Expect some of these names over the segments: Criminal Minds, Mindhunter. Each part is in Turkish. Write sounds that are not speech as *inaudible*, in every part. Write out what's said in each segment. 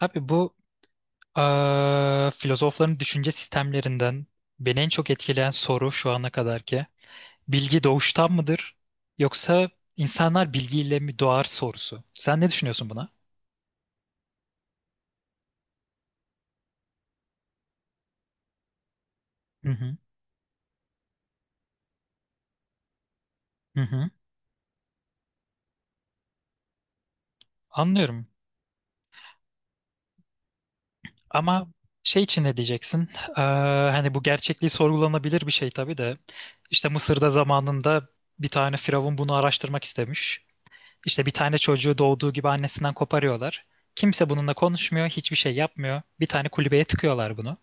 Abi bu filozofların düşünce sistemlerinden beni en çok etkileyen soru şu ana kadar ki bilgi doğuştan mıdır yoksa insanlar bilgiyle mi doğar sorusu. Sen ne düşünüyorsun buna? Hı hı. Hı hı. Anlıyorum. Ama şey için ne diyeceksin? Eee, hani bu gerçekliği sorgulanabilir bir şey tabii de. İşte Mısır'da zamanında bir tane firavun bunu araştırmak istemiş. İşte bir tane çocuğu doğduğu gibi annesinden koparıyorlar. Kimse bununla konuşmuyor, hiçbir şey yapmıyor. Bir tane kulübeye tıkıyorlar bunu.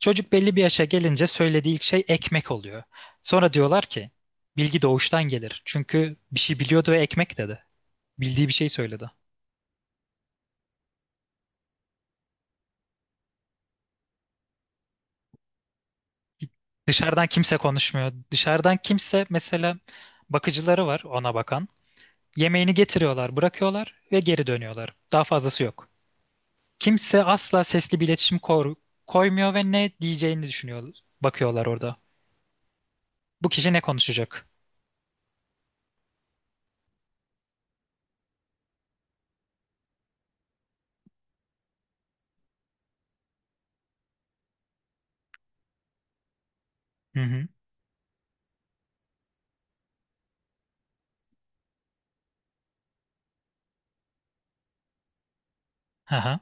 Çocuk belli bir yaşa gelince söylediği ilk şey ekmek oluyor. Sonra diyorlar ki bilgi doğuştan gelir. Çünkü bir şey biliyordu ve ekmek dedi. Bildiği bir şey söyledi. Dışarıdan kimse konuşmuyor. Dışarıdan kimse mesela bakıcıları var ona bakan. Yemeğini getiriyorlar, bırakıyorlar ve geri dönüyorlar. Daha fazlası yok. Kimse asla sesli bir iletişim koymuyor ve ne diyeceğini düşünüyor, bakıyorlar orada. Bu kişi ne konuşacak? Hı hı. Aha.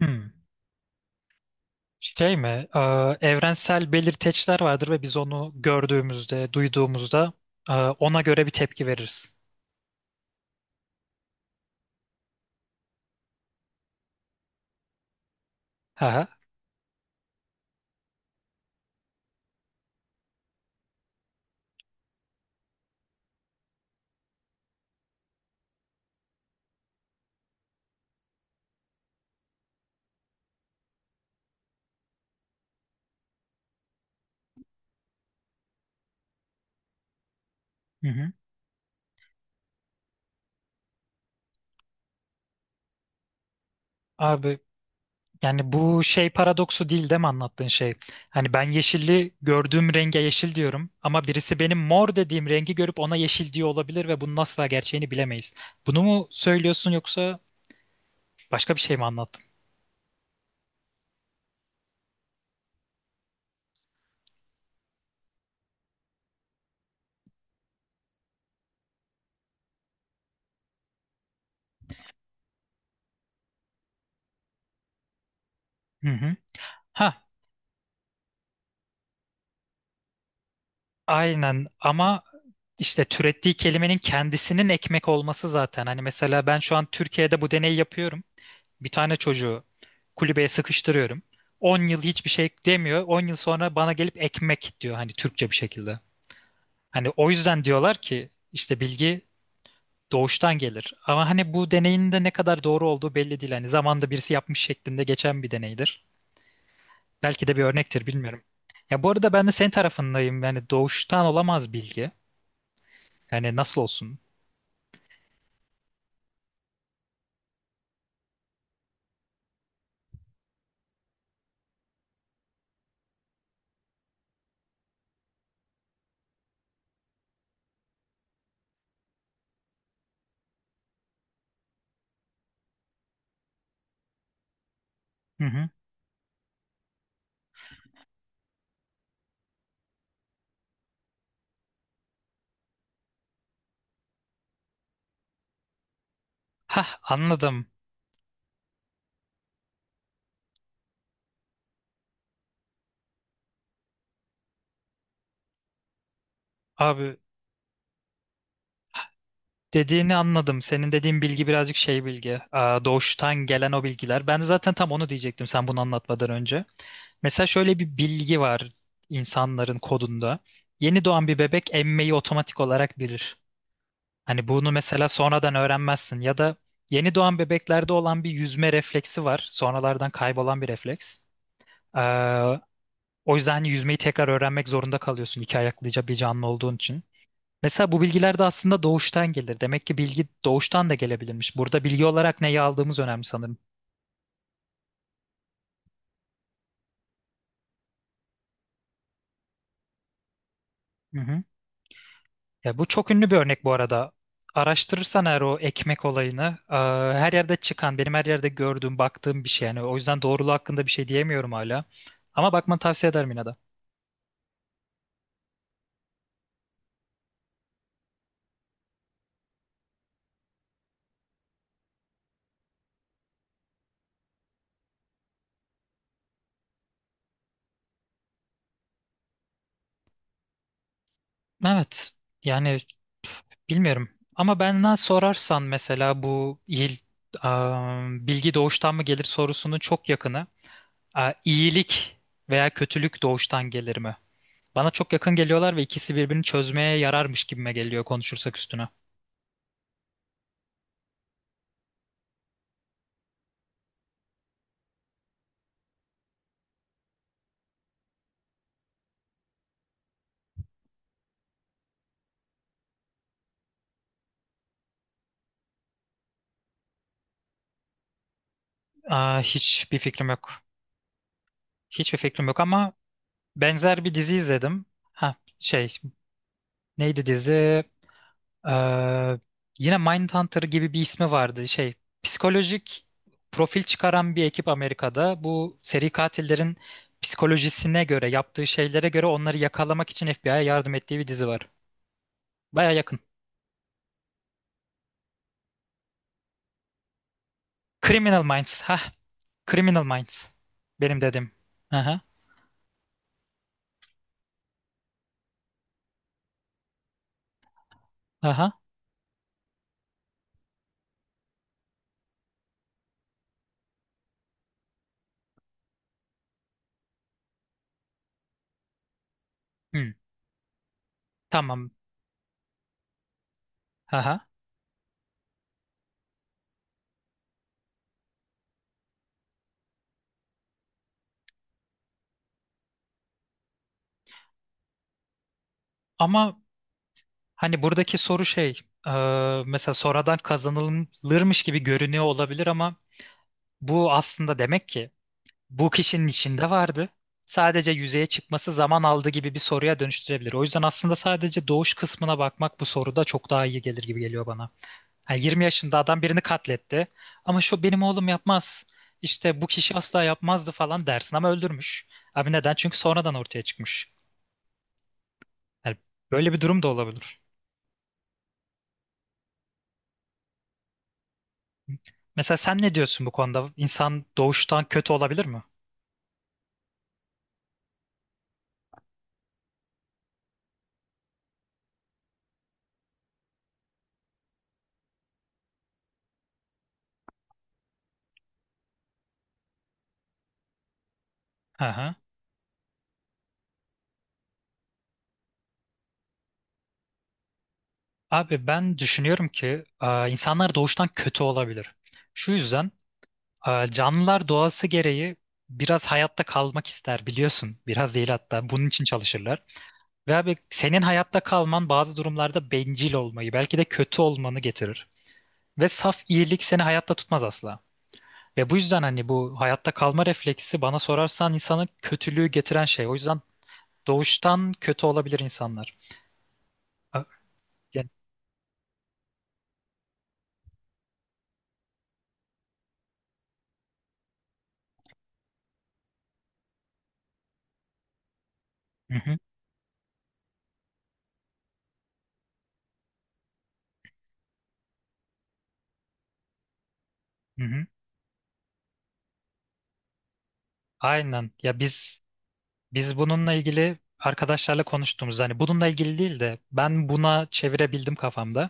Hmm. Şey mi? Ee, evrensel belirteçler vardır ve biz onu gördüğümüzde, duyduğumuzda ona göre bir tepki veririz. Aha. Hı hı. Abi yani bu şey paradoksu değil mi anlattığın şey? Hani ben yeşilli gördüğüm renge yeşil diyorum ama birisi benim mor dediğim rengi görüp ona yeşil diyor olabilir ve bunun asla gerçeğini bilemeyiz. Bunu mu söylüyorsun yoksa başka bir şey mi anlattın? Hı hı. Ha, aynen ama işte türettiği kelimenin kendisinin ekmek olması zaten. Hani mesela ben şu an Türkiye'de bu deneyi yapıyorum. Bir tane çocuğu kulübeye sıkıştırıyorum. 10 yıl hiçbir şey demiyor. 10 yıl sonra bana gelip ekmek diyor hani Türkçe bir şekilde. Hani o yüzden diyorlar ki işte bilgi doğuştan gelir. Ama hani bu deneyin de ne kadar doğru olduğu belli değil. Hani zamanda birisi yapmış şeklinde geçen bir deneydir. Belki de bir örnektir bilmiyorum. Ya bu arada ben de senin tarafındayım. Yani doğuştan olamaz bilgi. Yani nasıl olsun? Hı hı. Hah anladım. Abi dediğini anladım. Senin dediğin bilgi birazcık şey bilgi. Aa, doğuştan gelen o bilgiler. Ben de zaten tam onu diyecektim sen bunu anlatmadan önce. Mesela şöyle bir bilgi var insanların kodunda. Yeni doğan bir bebek emmeyi otomatik olarak bilir. Hani bunu mesela sonradan öğrenmezsin ya da yeni doğan bebeklerde olan bir yüzme refleksi var. Sonralardan kaybolan bir refleks. Ee, o yüzden hani yüzmeyi tekrar öğrenmek zorunda kalıyorsun iki ayaklıca bir canlı olduğun için. Mesela bu bilgiler de aslında doğuştan gelir. Demek ki bilgi doğuştan da gelebilirmiş. Burada bilgi olarak neyi aldığımız önemli sanırım. Hı hı. Ya bu çok ünlü bir örnek bu arada. Araştırırsan eğer o ekmek olayını, e, her yerde çıkan, benim her yerde gördüğüm, baktığım bir şey. Yani o yüzden doğruluğu hakkında bir şey diyemiyorum hala. Ama bakmanı tavsiye ederim yine de. Evet. Yani bilmiyorum. Ama benden sorarsan mesela bu aa, bilgi doğuştan mı gelir sorusunun çok yakını. Aa, iyilik veya kötülük doğuştan gelir mi? Bana çok yakın geliyorlar ve ikisi birbirini çözmeye yararmış gibime geliyor konuşursak üstüne. Aa, hiçbir fikrim yok. Hiçbir fikrim yok ama benzer bir dizi izledim. Ha şey neydi dizi? Ee, yine Mindhunter gibi bir ismi vardı. Şey, psikolojik profil çıkaran bir ekip Amerika'da bu seri katillerin psikolojisine göre, yaptığı şeylere göre onları yakalamak için FBI'ye yardım ettiği bir dizi var. Baya yakın. Criminal Minds. Ha, Criminal Minds. Benim dedim. Aha, aha. Hmm, tamam. Aha. Ama hani buradaki soru şey, e, mesela sonradan kazanılırmış gibi görünüyor olabilir ama bu aslında demek ki bu kişinin içinde vardı. Sadece yüzeye çıkması zaman aldı gibi bir soruya dönüştürebilir. O yüzden aslında sadece doğuş kısmına bakmak bu soruda çok daha iyi gelir gibi geliyor bana. Yani 20 yaşında adam birini katletti ama şu benim oğlum yapmaz. İşte bu kişi asla yapmazdı falan dersin ama öldürmüş. Abi neden? Çünkü sonradan ortaya çıkmış. Yani böyle bir durum da olabilir. Mesela sen ne diyorsun bu konuda? İnsan doğuştan kötü olabilir mi? Hı hı. Abi ben düşünüyorum ki insanlar doğuştan kötü olabilir. Şu yüzden canlılar doğası gereği biraz hayatta kalmak ister biliyorsun. Biraz değil hatta bunun için çalışırlar. Ve abi senin hayatta kalman bazı durumlarda bencil olmayı belki de kötü olmanı getirir. Ve saf iyilik seni hayatta tutmaz asla. Ve bu yüzden hani bu hayatta kalma refleksi bana sorarsan insanı kötülüğü getiren şey. O yüzden doğuştan kötü olabilir insanlar. Ö- Yani, hı hı, hı hı. Aynen. Ya biz bununla ilgili arkadaşlarla konuştuğumuz hani bununla ilgili değil de ben buna çevirebildim kafamda.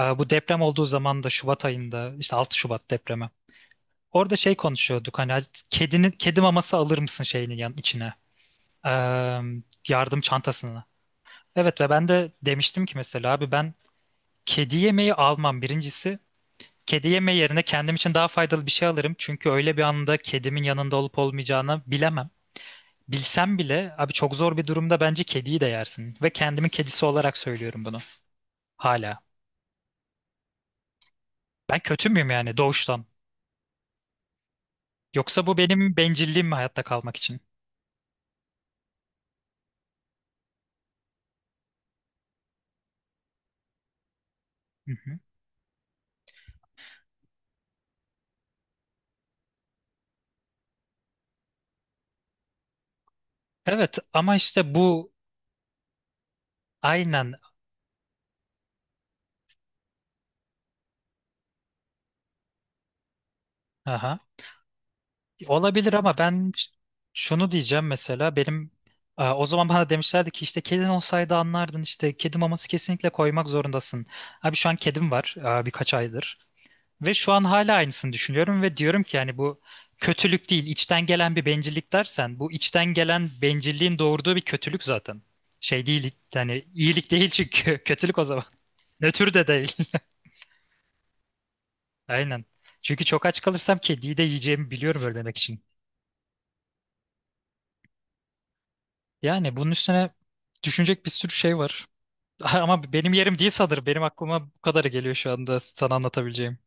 Bu deprem olduğu zaman da Şubat ayında işte 6 Şubat depremi. Orada şey konuşuyorduk hani kedinin kedi maması alır mısın şeyinin yan içine Ee, yardım çantasını. Evet ve ben de demiştim ki mesela abi ben kedi yemeği almam birincisi. Kedi yemeği yerine kendim için daha faydalı bir şey alırım. Çünkü öyle bir anda kedimin yanında olup olmayacağını bilemem. Bilsem bile abi çok zor bir durumda bence kediyi de yersin. Ve kendimin kedisi olarak söylüyorum bunu. Hala. Ben kötü müyüm yani doğuştan? Yoksa bu benim bencilliğim mi hayatta kalmak için? Hı hı. Evet ama işte bu aynen aha. Olabilir ama ben şunu diyeceğim mesela benim o zaman bana demişlerdi ki işte kedin olsaydı anlardın işte kedi maması kesinlikle koymak zorundasın. Abi şu an kedim var birkaç aydır. Ve şu an hala aynısını düşünüyorum ve diyorum ki yani bu kötülük değil, içten gelen bir bencillik dersen bu içten gelen bencilliğin doğurduğu bir kötülük zaten. Şey değil yani iyilik değil çünkü *laughs* kötülük o zaman. Nötr de değil. *laughs* Aynen. Çünkü çok aç kalırsam kediyi de yiyeceğimi biliyorum ölmemek için. Yani bunun üstüne düşünecek bir sürü şey var. *laughs* Ama benim yerim değil sanırım. Benim aklıma bu kadarı geliyor şu anda sana anlatabileceğim.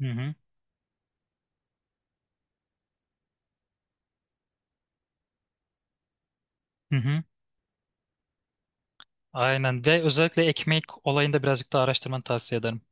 Hı hı. Hı hı. Aynen ve özellikle ekmek olayında birazcık daha araştırmanı tavsiye ederim.